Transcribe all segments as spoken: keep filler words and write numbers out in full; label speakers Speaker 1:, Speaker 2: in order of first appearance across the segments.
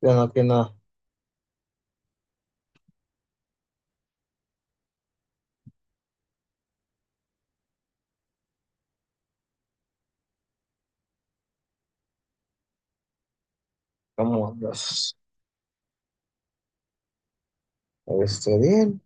Speaker 1: Ya no, que nada. ¿Cómo andas? Este, bien.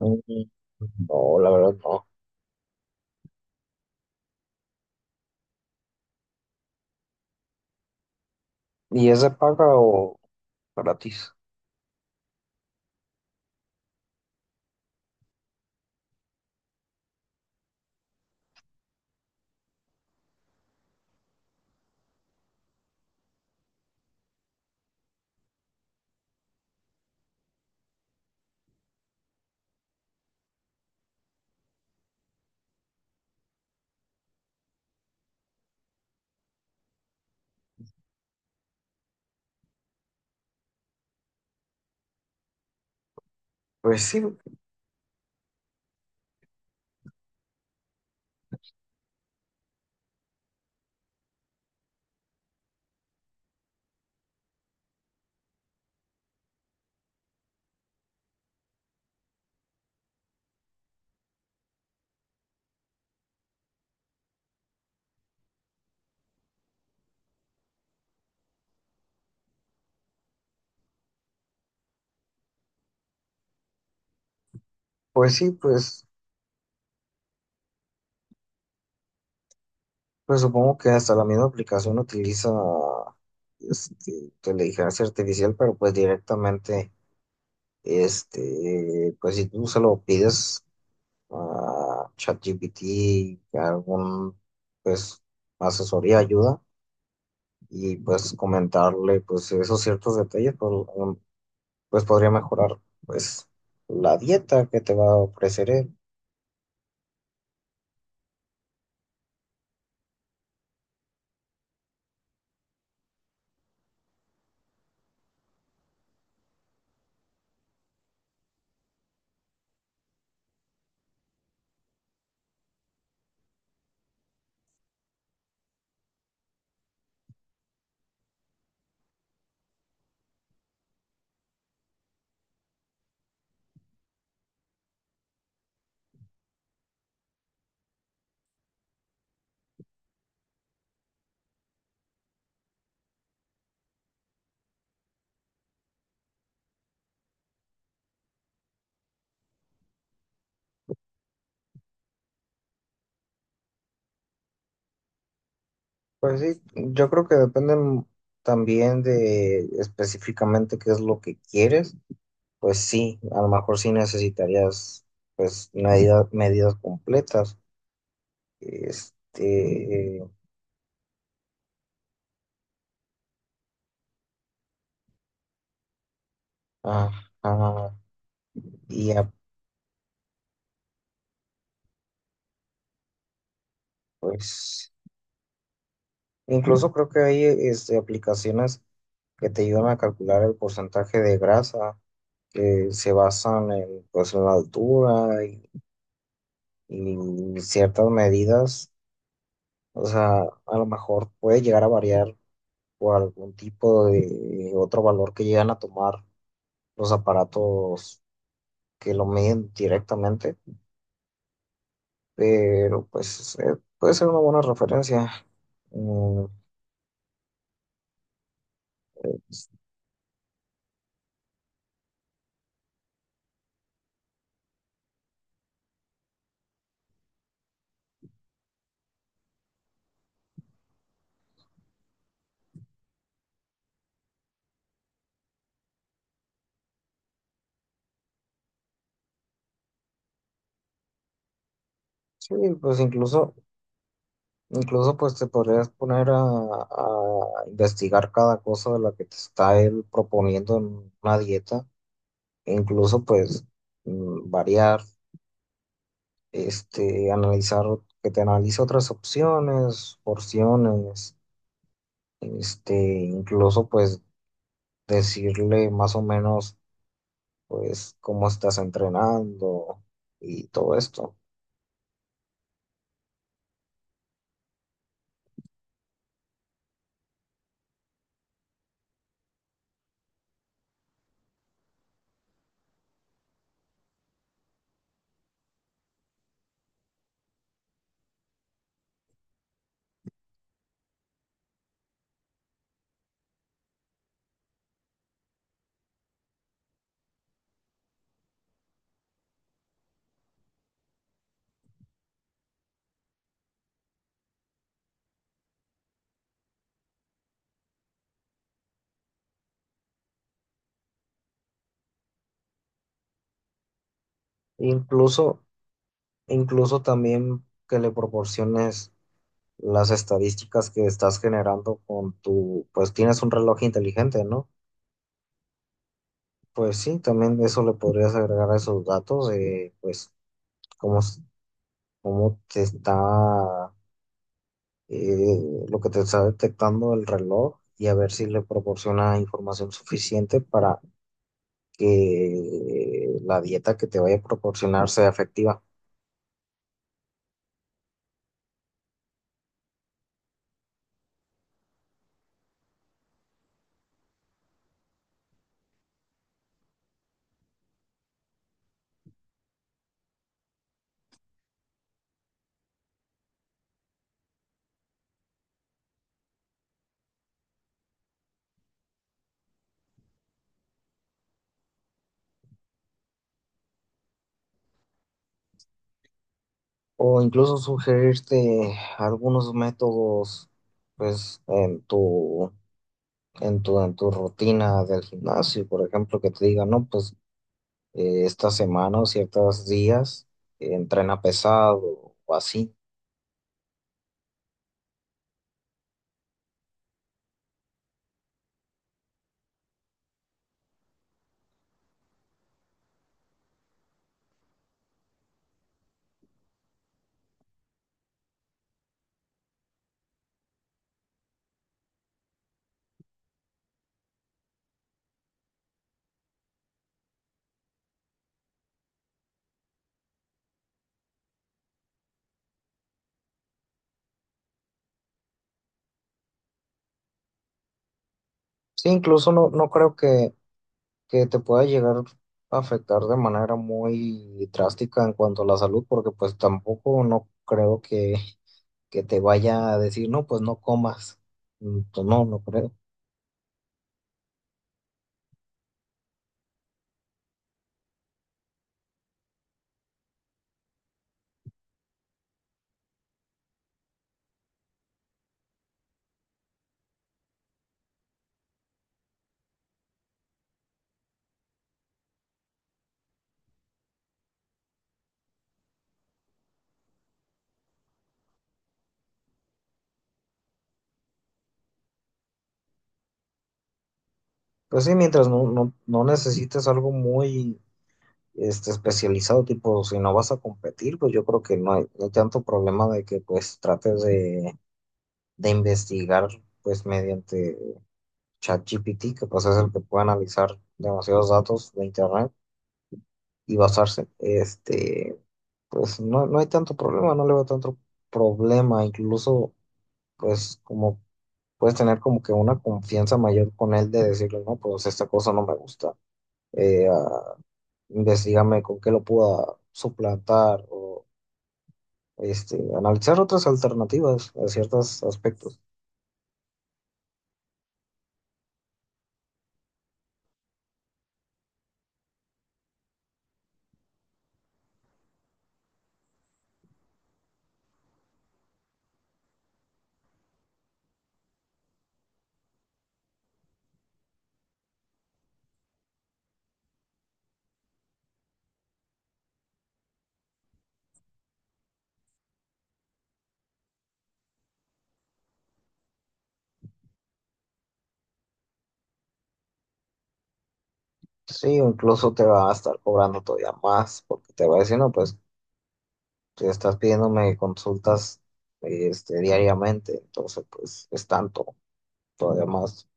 Speaker 1: Mm. No, la verdad no. ¿Y es de paga o gratis? Pues sí, pues sí, pues, pues supongo que hasta la misma aplicación utiliza, este, inteligencia artificial, pero pues directamente, este, pues si tú se lo pides a ChatGPT, a algún, pues, asesoría, ayuda, y pues comentarle, pues, esos ciertos detalles, pues pues podría mejorar pues la dieta que te va a ofrecer él. Pues sí, yo creo que depende m- también de específicamente qué es lo que quieres. Pues sí, a lo mejor sí necesitarías pues medidas, medidas completas. Este, ajá, y ya, pues incluso creo que hay este, aplicaciones que te ayudan a calcular el porcentaje de grasa que se basan en pues en la altura y ciertas medidas, o sea, a lo mejor puede llegar a variar por algún tipo de otro valor que llegan a tomar los aparatos que lo miden directamente, pero pues eh, puede ser una buena referencia. Mm, sí, pues incluso, incluso pues te podrías poner a, a investigar cada cosa de la que te está él proponiendo en una dieta, e incluso pues mm, variar. este, analizar, que te analice otras opciones, porciones, este, incluso pues decirle más o menos pues cómo estás entrenando y todo esto. Incluso, incluso también que le proporciones las estadísticas que estás generando con tu, pues tienes un reloj inteligente, ¿no? Pues sí, también eso le podrías agregar a esos datos de, pues, cómo, s- cómo te está eh, lo que te está detectando el reloj y a ver si le proporciona información suficiente para que la dieta que te vaya a proporcionar sea efectiva. O incluso sugerirte algunos métodos, pues, en tu, en tu, en tu rutina del gimnasio, por ejemplo, que te diga, no, pues, eh, esta semana o ciertos días, eh, entrena pesado o así. Sí, incluso no, no creo que que te pueda llegar a afectar de manera muy drástica en cuanto a la salud, porque pues tampoco no creo que, que te vaya a decir, no, pues no comas. Mm, pues, no, no creo. Pues sí, mientras no, no, no necesites algo muy este, especializado, tipo, si no vas a competir, pues yo creo que no hay, no hay tanto problema de que pues trates de, de investigar pues mediante ChatGPT, que pues es el que puede analizar demasiados datos de internet. Y basarse, este, pues no, no hay tanto problema, no le veo tanto problema, incluso pues como puedes tener como que una confianza mayor con él de decirle, no, pues esta cosa no me gusta, eh, ah, investígame con qué lo pueda suplantar o este, analizar otras alternativas a ciertos aspectos. Sí, o incluso te va a estar cobrando todavía más porque te va a decir, no, pues te estás pidiéndome consultas este, diariamente, entonces pues es tanto. Todavía más.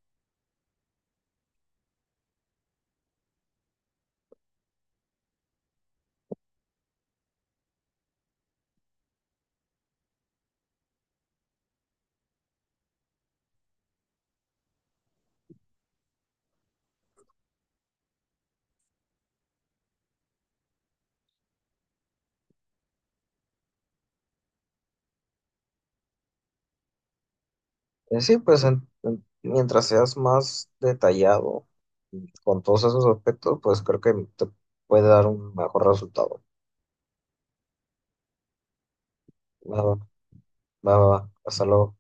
Speaker 1: Eh, sí, pues en- en- mientras seas más detallado con todos esos aspectos, pues creo que te puede dar un mejor resultado. Va, va, va, va. Hasta luego.